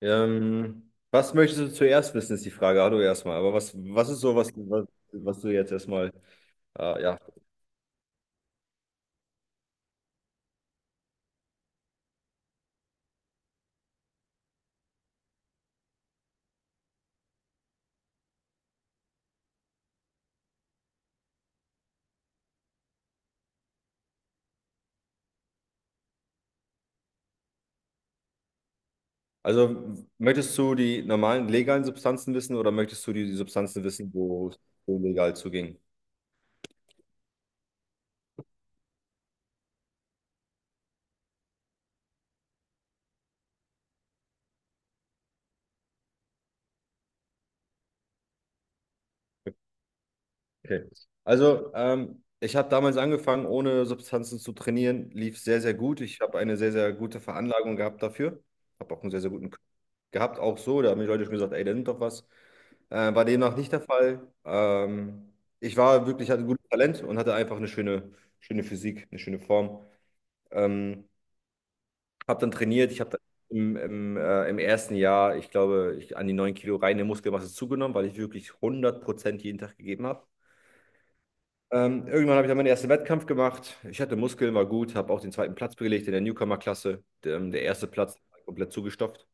Was möchtest du zuerst wissen, ist die Frage. Hallo erstmal. Aber was ist so, was du jetzt erstmal, ja. Also, möchtest du die normalen legalen Substanzen wissen, oder möchtest du die Substanzen wissen, wo es so legal zuging? Okay. Also, ich habe damals angefangen, ohne Substanzen zu trainieren. Lief sehr, sehr gut. Ich habe eine sehr, sehr gute Veranlagung gehabt dafür. Habe auch einen sehr, sehr guten Körper gehabt, auch so. Da haben die Leute schon gesagt, ey, da nimmt doch was. War demnach nicht der Fall. Ich war wirklich, hatte ein gutes Talent und hatte einfach eine schöne, schöne Physik, eine schöne Form. Ähm, Habe dann trainiert. Ich habe dann im ersten Jahr, ich glaube, ich an die 9 Kilo reine Muskelmasse zugenommen, weil ich wirklich 100% jeden Tag gegeben habe. Irgendwann habe ich dann meinen ersten Wettkampf gemacht. Ich hatte Muskeln, war gut, habe auch den zweiten Platz belegt in der Newcomer-Klasse. Der erste Platz war halt komplett zugestopft,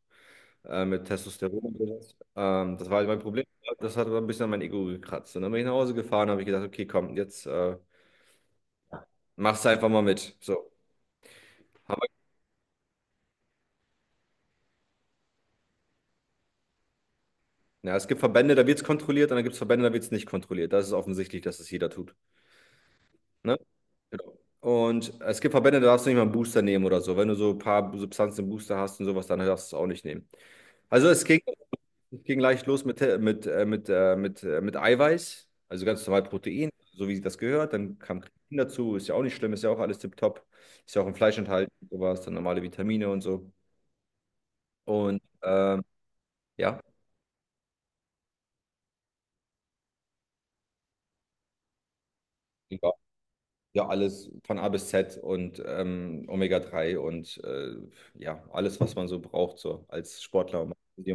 mit Testosteron und sowas. Das war halt mein Problem. Das hat dann ein bisschen an mein Ego gekratzt. Und dann bin ich nach Hause gefahren, habe ich gedacht, okay, komm, jetzt machst du einfach mal mit. So. Haben wir- Ja, es gibt Verbände, da wird es kontrolliert, und dann gibt es Verbände, da wird es nicht kontrolliert. Das ist offensichtlich, dass es jeder tut. Ne? Genau. Und es gibt Verbände, da darfst du nicht mal einen Booster nehmen oder so. Wenn du so ein paar Substanzen im Booster hast und sowas, dann darfst du es auch nicht nehmen. Also es ging Es ging leicht los mit Eiweiß, also ganz normal Protein, so wie das gehört. Dann kam Kreatin dazu, ist ja auch nicht schlimm, ist ja auch alles tipptopp. Ist ja auch im Fleisch enthalten, sowas, dann normale Vitamine und so. Und ja, ja, ja, alles von A bis Z und Omega-3 und ja, alles, was man so braucht, so als Sportler,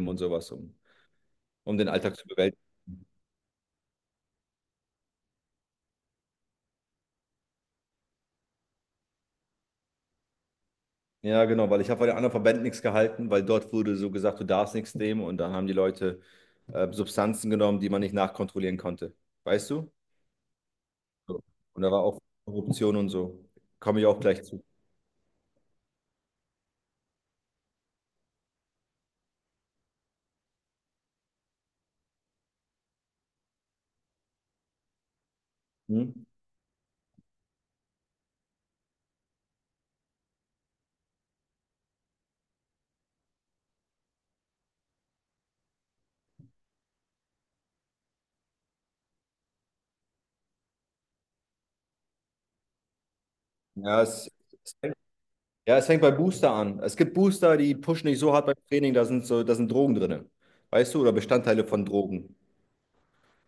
und sowas, um den Alltag zu bewältigen. Ja, genau, weil ich habe von den anderen Verbänden nichts gehalten, weil dort wurde so gesagt, du darfst nichts nehmen, und dann haben die Leute Substanzen genommen, die man nicht nachkontrollieren konnte. Weißt du? So. Und da war auch Korruption und so. Komme ich auch gleich zu. Hm? Ja, es fängt, ja, es fängt bei Booster an. Es gibt Booster, die pushen nicht so hart beim Training, da sind Drogen drin. Weißt du? Oder Bestandteile von Drogen.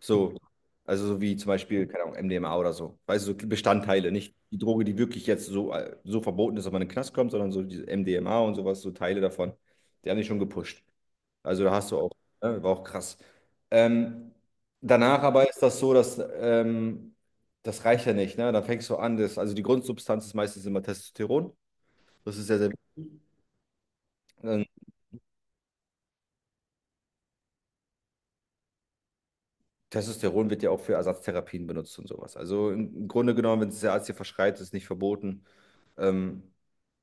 So, also so wie zum Beispiel, keine Ahnung, MDMA oder so. Weißt du, so Bestandteile, nicht die Droge, die wirklich jetzt so, so verboten ist, dass man in den Knast kommt, sondern so diese MDMA und sowas, so Teile davon. Die haben dich schon gepusht. Also da hast du auch, ne, war auch krass. Ähm, Danach aber ist das so, dass das reicht ja nicht, ne? Dann fängst du an, also die Grundsubstanz ist meistens immer Testosteron. Das ist sehr, sehr wichtig. ähm, Testosteron wird ja auch für Ersatztherapien benutzt und sowas. Also im Grunde genommen, wenn es der Arzt dir verschreibt, ist es nicht verboten. Ähm,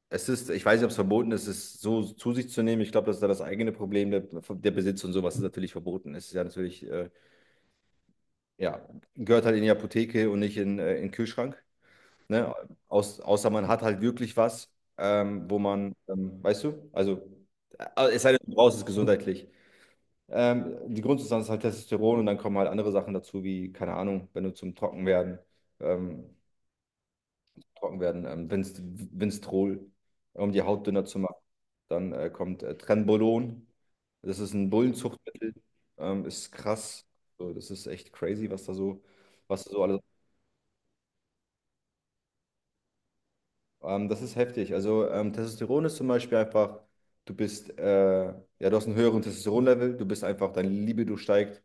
Es ist, ich weiß nicht, ob es verboten ist, es so zu sich zu nehmen. Ich glaube, das ist da das eigene Problem. Der Besitz und sowas ist natürlich verboten. Es ist ja natürlich, ja, gehört halt in die Apotheke und nicht in den Kühlschrank. Ne? Außer man hat halt wirklich was, wo man, weißt du, also, es sei denn, du brauchst es gesundheitlich. Die Grundsubstanz ist halt Testosteron, und dann kommen halt andere Sachen dazu, wie, keine Ahnung, wenn du zum Trockenwerden. Ähm, Trocken werden. Vinstrol, um die Haut dünner zu machen. Dann kommt Trenbolon. Das ist ein Bullenzuchtmittel. Ist krass. So, das ist echt crazy, was da so alles. Das ist heftig. Also Testosteron ist zum Beispiel einfach, du bist, ja, du hast einen höheren Testosteronlevel, du bist einfach, deine Libido steigt,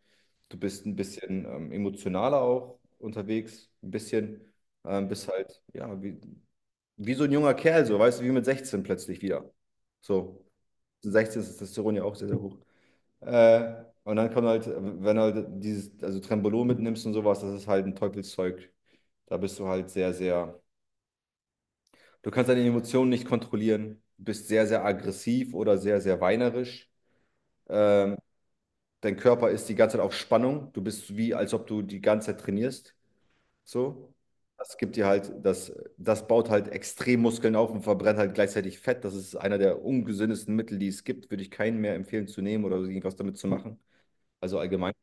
du bist ein bisschen emotionaler auch unterwegs, ein bisschen, bist halt, ja, wie so ein junger Kerl, so, weißt du, wie mit 16 plötzlich wieder. So. 16 ist das Testosteron ja auch sehr, sehr hoch. Und dann kommt halt, wenn du halt dieses, also Trembolon mitnimmst und sowas, das ist halt ein Teufelszeug. Da bist du halt sehr, sehr, du kannst deine Emotionen nicht kontrollieren, du bist sehr, sehr aggressiv oder sehr, sehr weinerisch. Ähm, dein Körper ist die ganze Zeit auf Spannung. Du bist wie, als ob du die ganze Zeit trainierst. So. Das gibt dir halt, das baut halt extrem Muskeln auf und verbrennt halt gleichzeitig Fett. Das ist einer der ungesündesten Mittel, die es gibt. Würde ich keinen mehr empfehlen zu nehmen oder so irgendwas damit zu machen. Also allgemein.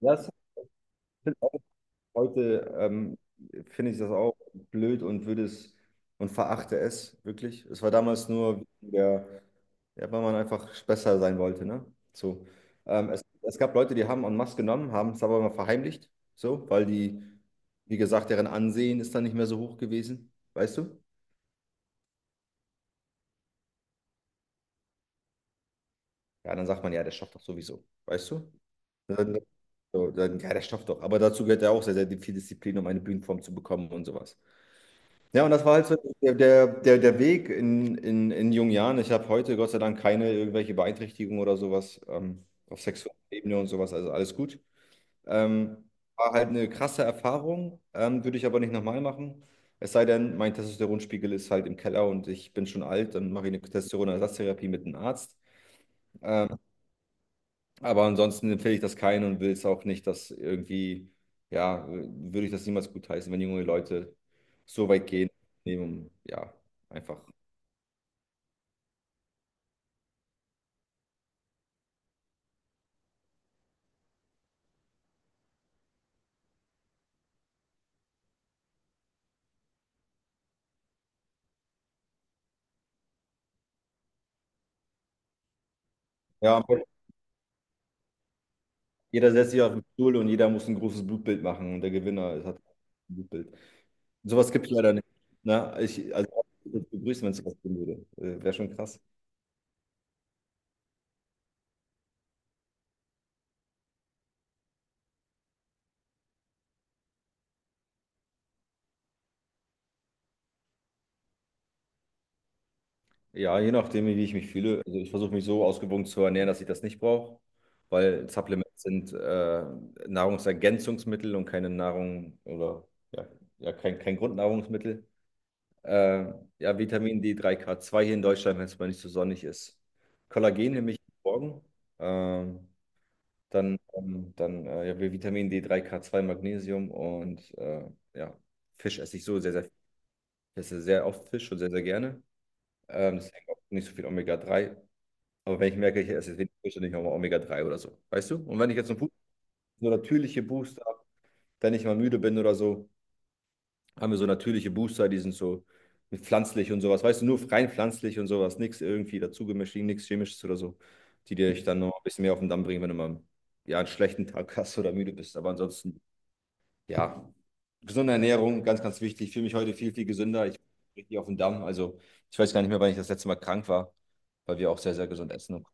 Das Heute finde ich das auch blöd und verachte es wirklich. Es war damals nur wegen der, ja, weil man einfach besser sein wollte, ne? So. Es gab Leute, die haben en masse genommen, haben es aber immer verheimlicht, so, weil die, wie gesagt, deren Ansehen ist dann nicht mehr so hoch gewesen, weißt du? Ja, dann sagt man, ja, der schafft doch sowieso, weißt du? Dann, dann, ja, der schafft doch. Aber dazu gehört ja auch sehr, sehr viel Disziplin, um eine Bühnenform zu bekommen und sowas. Ja, und das war halt so der Weg in jungen Jahren. Ich habe heute Gott sei Dank keine irgendwelche Beeinträchtigung oder sowas, auf sexueller Ebene und sowas, also alles gut. Ähm, war halt eine krasse Erfahrung, würde ich aber nicht nochmal machen. Es sei denn, mein Testosteronspiegel ist halt im Keller und ich bin schon alt, dann mache ich eine Testosteronersatztherapie mit einem Arzt. Ähm, aber ansonsten empfehle ich das keinen und will es auch nicht, dass irgendwie, ja, würde ich das niemals gutheißen, wenn junge Leute so weit gehen, nehmen, ja, einfach. Ja, aber jeder setzt sich auf den Stuhl und jeder muss ein großes Blutbild machen, und der Gewinner hat ein Blutbild. Sowas gibt es leider nicht. Ne? Also, ich würde begrüßen, wenn es sowas geben würde. Wäre schon krass. Ja, je nachdem, wie ich mich fühle. Also ich versuche mich so ausgewogen zu ernähren, dass ich das nicht brauche, weil Supplements sind Nahrungsergänzungsmittel und keine Nahrung oder ja, kein Grundnahrungsmittel. Äh, ja, Vitamin D3, K2 hier in Deutschland, wenn es mal nicht so sonnig ist. Kollagen nehme ich morgen. Ähm, dann dann Ja, Vitamin D3, K2, Magnesium und ja, Fisch esse ich so sehr, sehr, ich esse sehr oft Fisch und sehr, sehr gerne. Deswegen auch nicht so viel Omega-3. Aber wenn ich merke, ich esse jetzt wenig Fisch, dann nehme ich auch mal Omega-3 oder so. Weißt du? Und wenn ich jetzt so natürliche Booster habe, wenn ich mal müde bin oder so, haben wir so natürliche Booster, die sind so mit pflanzlich und sowas. Weißt du, nur rein pflanzlich und sowas. Nichts irgendwie dazugemischt, nichts Chemisches oder so, die dir ich dann noch ein bisschen mehr auf den Damm bringen, wenn du mal, ja, einen schlechten Tag hast oder müde bist. Aber ansonsten, ja, gesunde Ernährung, ganz, ganz wichtig. Ich fühle mich heute viel, viel gesünder. Ich bin richtig auf den Damm. Also, ich weiß gar nicht mehr, wann ich das letzte Mal krank war, weil wir auch sehr, sehr gesund essen. Und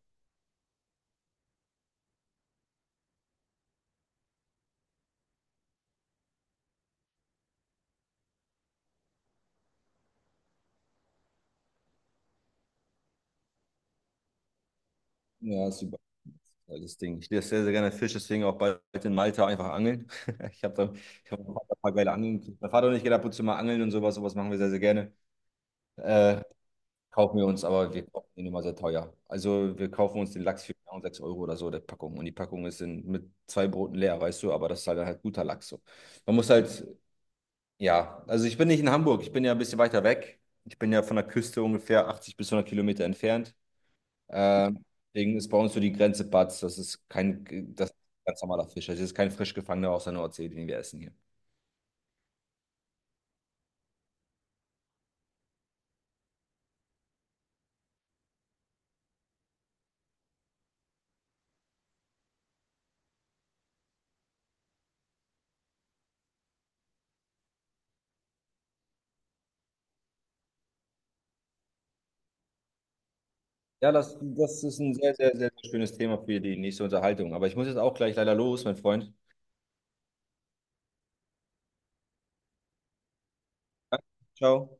ja, ist überall das Ding. Ich lese sehr, sehr gerne Fisch, deswegen auch bald in Malta einfach angeln. Ich habe da Ich hab da ein paar geile Angeln gekriegt. Mein Vater und ich gehen ab und zu mal angeln und sowas. Sowas machen wir sehr, sehr gerne. Äh, kaufen wir uns, aber wir kaufen ihn immer sehr teuer. Also wir kaufen uns den Lachs für genau 6 Euro oder so, der Packung. Und die Packung ist in, mit zwei Broten leer, weißt du, aber das ist halt guter Lachs. So. Man muss halt, ja, also ich bin nicht in Hamburg, ich bin ja ein bisschen weiter weg. Ich bin ja von der Küste ungefähr 80 bis 100 Kilometer entfernt. Äh, deswegen ist bei uns so die Grenze Batz. Das ist kein, Das ist ein ganz normaler Fisch. Das ist kein frisch gefangener aus der Nordsee, den wir essen hier. Ja, das ist ein sehr, sehr, sehr schönes Thema für die nächste Unterhaltung. Aber ich muss jetzt auch gleich leider los, mein Freund. Ciao.